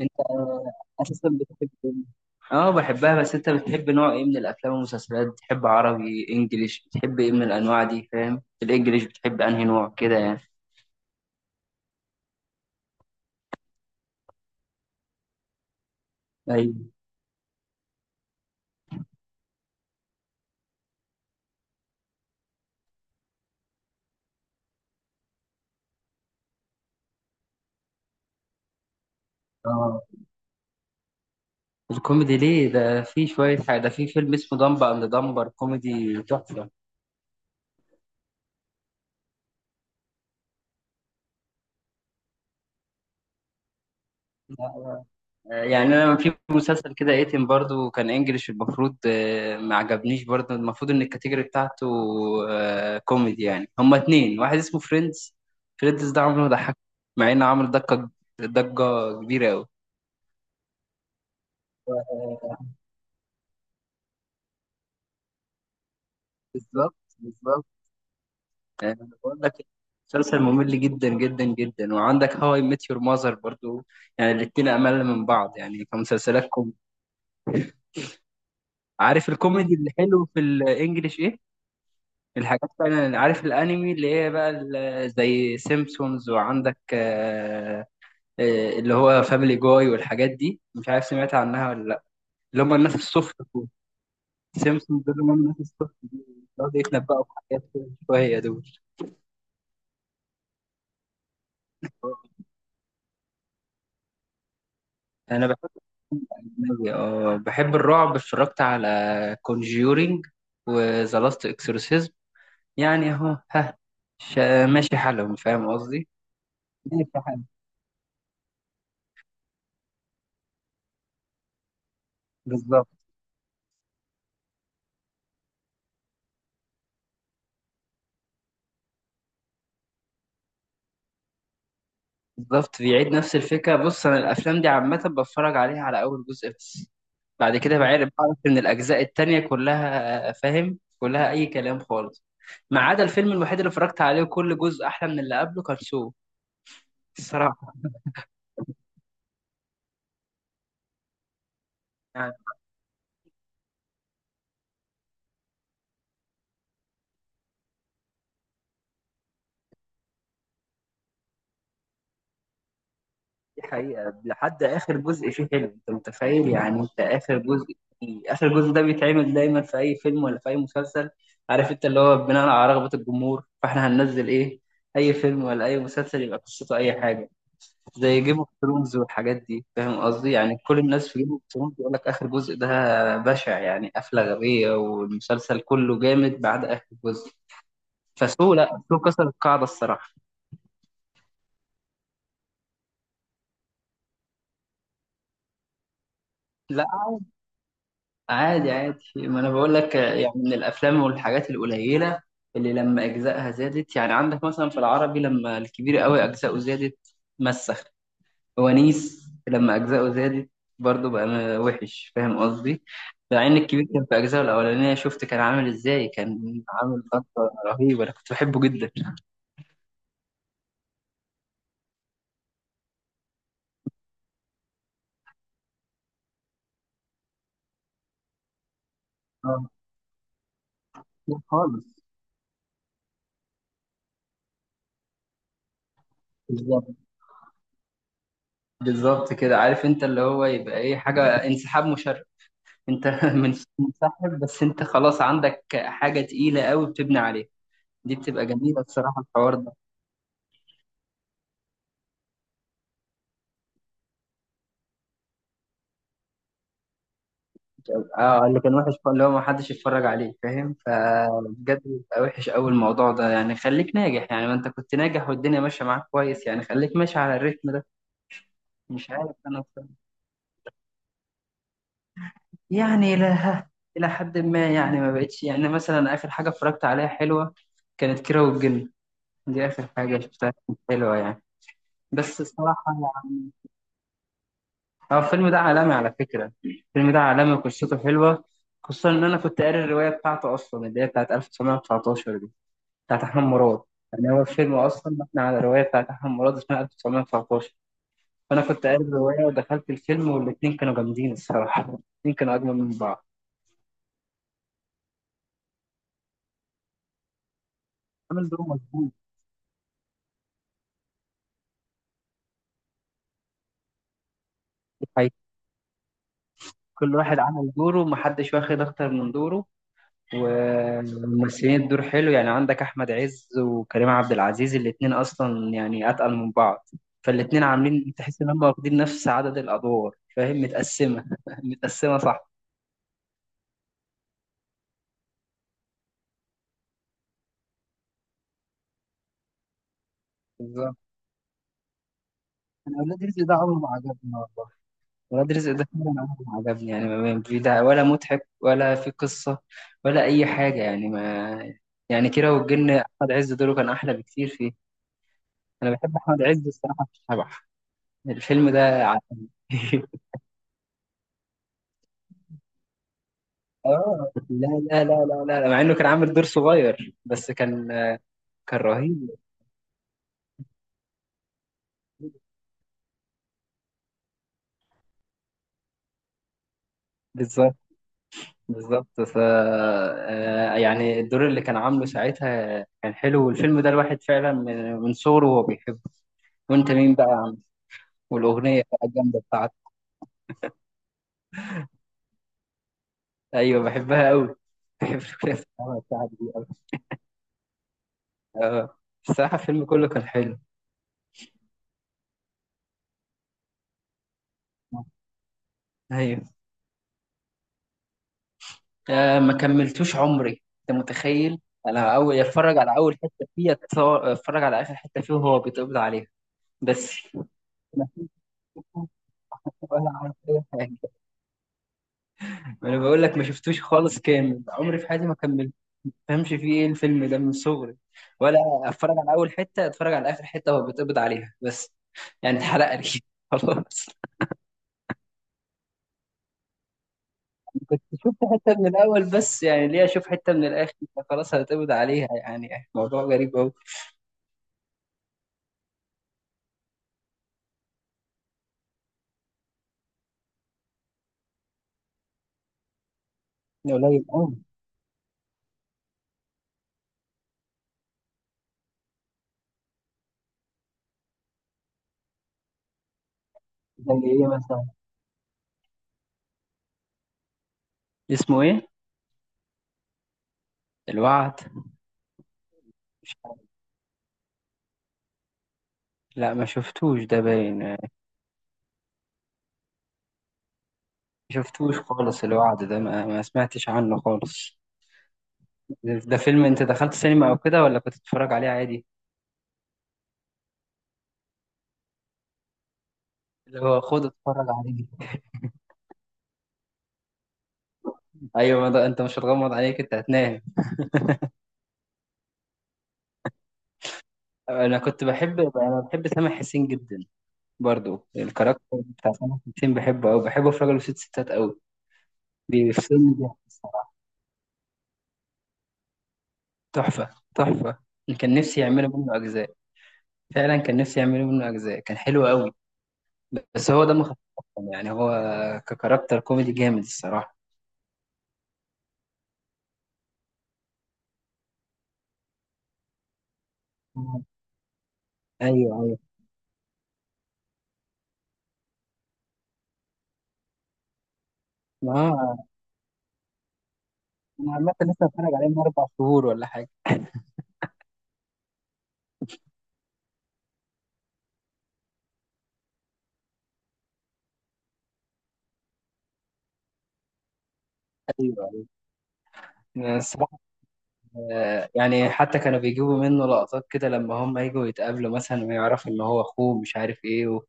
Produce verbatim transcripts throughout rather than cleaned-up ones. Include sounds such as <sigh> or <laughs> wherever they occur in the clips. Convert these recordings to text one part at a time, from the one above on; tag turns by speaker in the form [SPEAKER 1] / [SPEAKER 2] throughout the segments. [SPEAKER 1] انت اساسا بتحب إيه؟ اه بحبها بس انت بتحب نوع ايه من الافلام والمسلسلات بتحب عربي انجليش بتحب ايه من الانواع دي فاهم الانجليش بتحب انهي نوع كده يعني. ايوه. اه الكوميدي ليه ده في شويه حاجه ده في فيلم اسمه دمبر اند دمبر كوميدي تحفه. لا، يعني انا في مسلسل كده ايتم برضو كان انجليش المفروض آه، ما عجبنيش برضو المفروض ان الكاتيجوري بتاعته آه، كوميدي يعني هما اتنين واحد اسمه فريندز. فريندز ده عمره ما ضحك مع انه عمل ضجة. ضجة كبيرة قوي. بالظبط بالظبط آه، بقول لك مسلسل ممل جدا جدا جدا، وعندك هاو اي ميت يور ماذر برضو. يعني الاتنين امل من بعض يعني كمسلسلات كوميدي. عارف الكوميدي اللي حلو في الانجليش ايه؟ الحاجات فعلا، عارف الانمي اللي هي بقى ال- زي سيمبسونز؟ وعندك آه، آه، اللي هو فاميلي جاي والحاجات دي، مش عارف سمعت عنها ولا لا. اللي هم الناس السوفت دول. سيمبسونز دول هم الناس السوفت دي، بيقعدوا يتنبأوا بحاجات كده شوية دول. انا بحب الأجنبي، اه بحب الرعب، اتفرجت على كونجيورينج وذا لاست اكسورسيزم. يعني اهو ها شا- ماشي حالهم فاهم قصدي. ماشي حالهم. بالظبط بالظبط بيعيد نفس الفكرة. بص أنا الأفلام دي عامة بتفرج عليها على أول جزء بس، بعد كده بعرف بعرف إن الأجزاء التانية كلها فاهم كلها أي كلام خالص، ما عدا الفيلم الوحيد اللي اتفرجت عليه كل جزء أحلى من اللي قبله، كان سو. الصراحة يعني دي حقيقة، لحد آخر جزء فيه حلو. أنت متخيل؟ يعني أنت آخر جزء، آخر جزء ده بيتعمل دايما في أي فيلم ولا في أي مسلسل. عارف أنت اللي هو بناء على رغبة الجمهور، فإحنا هننزل إيه، أي فيلم ولا أي مسلسل يبقى قصته أي حاجة. زي جيم اوف ثرونز والحاجات دي فاهم قصدي، يعني كل الناس في جيم اوف ثرونز يقول لك اخر جزء ده بشع، يعني قفله غبيه، والمسلسل كله جامد بعد اخر جزء. فسو لا، سو كسر القاعده الصراحه. لا عادي عادي، ما انا بقول لك يعني من الافلام والحاجات القليله اللي لما اجزائها زادت. يعني عندك مثلا في العربي لما الكبير قوي اجزائه زادت مسخ، ونيس لما أجزاؤه زادت برضه بقى م- وحش، فاهم قصدي؟ مع إن الكبير كان في أجزائه الأولانية شفت كان عامل إزاي، كان عامل ضجة رهيبة، أنا كنت بحبه جدا. آه، خالص. بالظبط بالظبط كده عارف أنت اللي هو يبقى إيه، حاجة انسحاب مشرف. أنت <laughs> من- منسحب، بس أنت خلاص عندك حاجة تقيلة قوي بتبني عليها. دي بتبقى جميلة الصراحة الحوار ده. اه اللي كان وحش اللي هو ما حدش يتفرج عليه فاهم، فبجد بيبقى وحش قوي الموضوع ده. يعني خليك ناجح، يعني ما انت كنت ناجح والدنيا ماشيه معاك كويس، يعني خليك ماشي على الريتم ده. مش عارف انا بصراحة. يعني الى ها- الى حد ما يعني ما بقتش. يعني مثلا اخر حاجه اتفرجت عليها حلوه كانت كيرة والجن، دي اخر حاجه شفتها كانت حلوه يعني. بس الصراحه يعني هو الفيلم ده عالمي، على فكره الفيلم ده عالمي وقصته حلوه، خصوصا ان انا كنت قاري الروايه بتاعته اصلا، اللي هي بتاعت ألف وتسعمية وتسعتاشر، بتاعت أحمد مراد. يعني هو الفيلم أصلا مبني على رواية بتاعت أحمد مراد اسمها ألف وتسعمائة وتسعة عشر. فأنا كنت قاري الرواية ودخلت الفيلم، والاتنين كانوا جامدين الصراحة، الاتنين كانوا أجمل من بعض. عامل دوره مظبوط. دي حقيقة. كل واحد عمل دوره، محدش واخد أكتر من دوره، وممثلين الدور حلو. يعني عندك أحمد عز وكريم عبد العزيز، الاتنين أصلا يعني أتقل من بعض، فالاتنين عاملين تحس إن هم واخدين نفس عدد الأدوار، فاهم متقسمة <laughs> متقسمة صح. بالظبط. أنا ولاد رزق ده عمره ما عجبني والله. ولاد رزق ده فعلا عجبني يعني، ما في ده ولا مضحك ولا في قصة ولا أي حاجة يعني ما. يعني كيرة والجن أحمد عز دوره كان أحلى بكتير فيه. أنا بحب أحمد عز الصراحة في شبح. الفيلم ده ع- <laughs> آه لا لا لا لا لا لا، مع إنه كان عامل دور صغير بس كان، كان رهيب. بالظبط بالظبط ف آه، يعني الدور اللي كان عامله ساعتها كان حلو، والفيلم ده الواحد فعلا من من صغره وهو بيحبه. وأنت مين بقى يا عم؟ والأغنية بقى الجامدة بتاعته. ايوه بحبها قوي. بحب الأغنية بتاعها دي قوي. اه الصراحة الفيلم كله كان حلو. ايوه. آه ما كملتوش عمري، انت متخيل؟ انا اول اتفرج على اول حته فيه أتصور- اتفرج على اخر حته فيه وهو بيتقبض عليها بس. ما فيش ولا عارف اي حاجه. انا بقول لك ما شفتوش خالص، كامل عمري في حياتي ما كملت ما فهمش فيه ايه الفيلم ده من صغري ولا. اتفرج على اول حته، اتفرج على اخر حته وهو بيتقبض عليها بس. يعني اتحرق لي <laughs> خلاص. كنت شفت حتة من الأول بس، يعني ليه أشوف حتة من الآخر؟ خلاص هتقبض عليها، يعني موضوع غريب أوي. يعني قليل أوي. زي إيه مثلا؟ اسمه إيه؟ الوعد. مش عارف. لا ما شفتوش ده باين. ما شفتوش خالص، الوعد ده ما, ما سمعتش عنه خالص. ده ده فيلم أنت دخلت سينما أو كده، ولا كنت بتتفرج عليه عادي؟ اللي هو خد اتفرج عليه. ايوه ما ده انت مش هتغمض عليك، انت هتنام. انا كنت بحب، انا بحب سامح حسين جدا. برضو الكاركتر بتاع سامح حسين بحبه قوي، بحبه في راجل وست ستات قوي. الفيلم ده تحفة. تحفة. أنا كان نفسي يعملوا منه أجزاء. فعلا كان نفسي يعملوا منه أجزاء، كان حلو قوي. بس هو دمه خفيف أصلاً. يعني هو ككاركتر كوميدي جامد الصراحة. مم. أيوه أيوه. ما أنا عامة لسه بتفرج عليه من أربع شهور ولا حاجة. أيوه أيوه. بس آه، يعني حتى كانوا بيجيبوا منه لقطات كده لما هم يجوا يتقابلوا مثلا ويعرفوا ان هو اخوه مش عارف ايه و...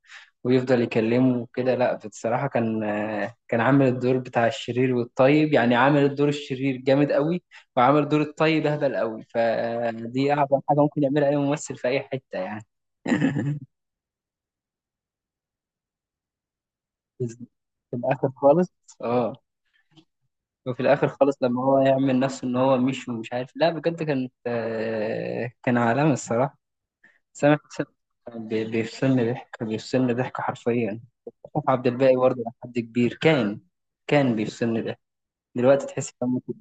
[SPEAKER 1] ويفضل يكلمه وكده. لا بصراحة كان، آه، كان عامل الدور بتاع الشرير والطيب، يعني عامل الدور الشرير جامد قوي، وعامل دور الطيب اهبل قوي، فدي اعظم حاجة ممكن يعملها اي ممثل في اي حتة يعني. <laughs> في الاخر خالص. اه وفي الاخر خالص لما هو يعمل نفسه ان هو مش ومش عارف. لا بجد كانت، آه، كان عالمي الصراحة. سامح حسين بي- بيفصلني ضحك، بيفصلني ضحك حرفيا. مصطفى عبد الباقي برضه لحد كبير كان، كان بيفصلني ضحك. دلوقتي تحس إن ممكن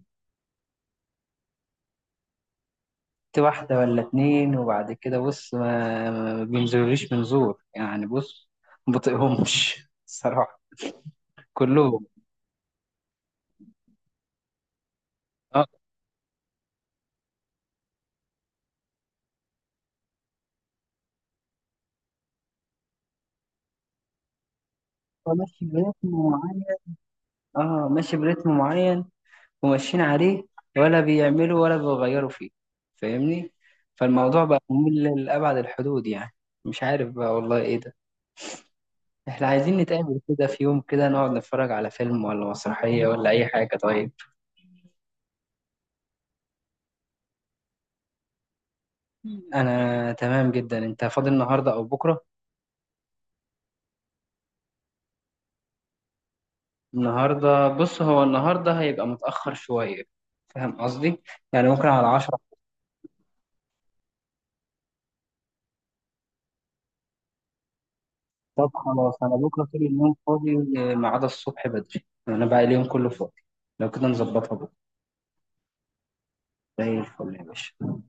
[SPEAKER 1] كنت واحدة ولا اتنين، وبعد كده بص ما, ما بينزلوليش منظور يعني. بص ما بطيقهمش <laughs> الصراحة كلهم. اه هو ماشي برتم معين. اه ماشي برتم معين وماشيين عليه، ولا بيعملوا ولا بيغيروا فيه، فاهمني؟ فالموضوع بقى ممل لأبعد الحدود يعني. مش عارف بقى والله ايه ده. احنا عايزين نتقابل كده في يوم كده نقعد نتفرج على فيلم ولا مسرحية ولا أي حاجة طيب. أنا تمام جدا، أنت فاضي النهاردة أو بكرة؟ النهاردة بص، هو النهاردة هيبقى متأخر شوية، فاهم قصدي؟ يعني ممكن على عشرة. طب خلاص، أنا بكرة طول اليوم فاضي، ما عدا الصبح بدري، أنا بقى اليوم كله فاضي، لو كده نظبطها بكرة. زي الفل يا باشا.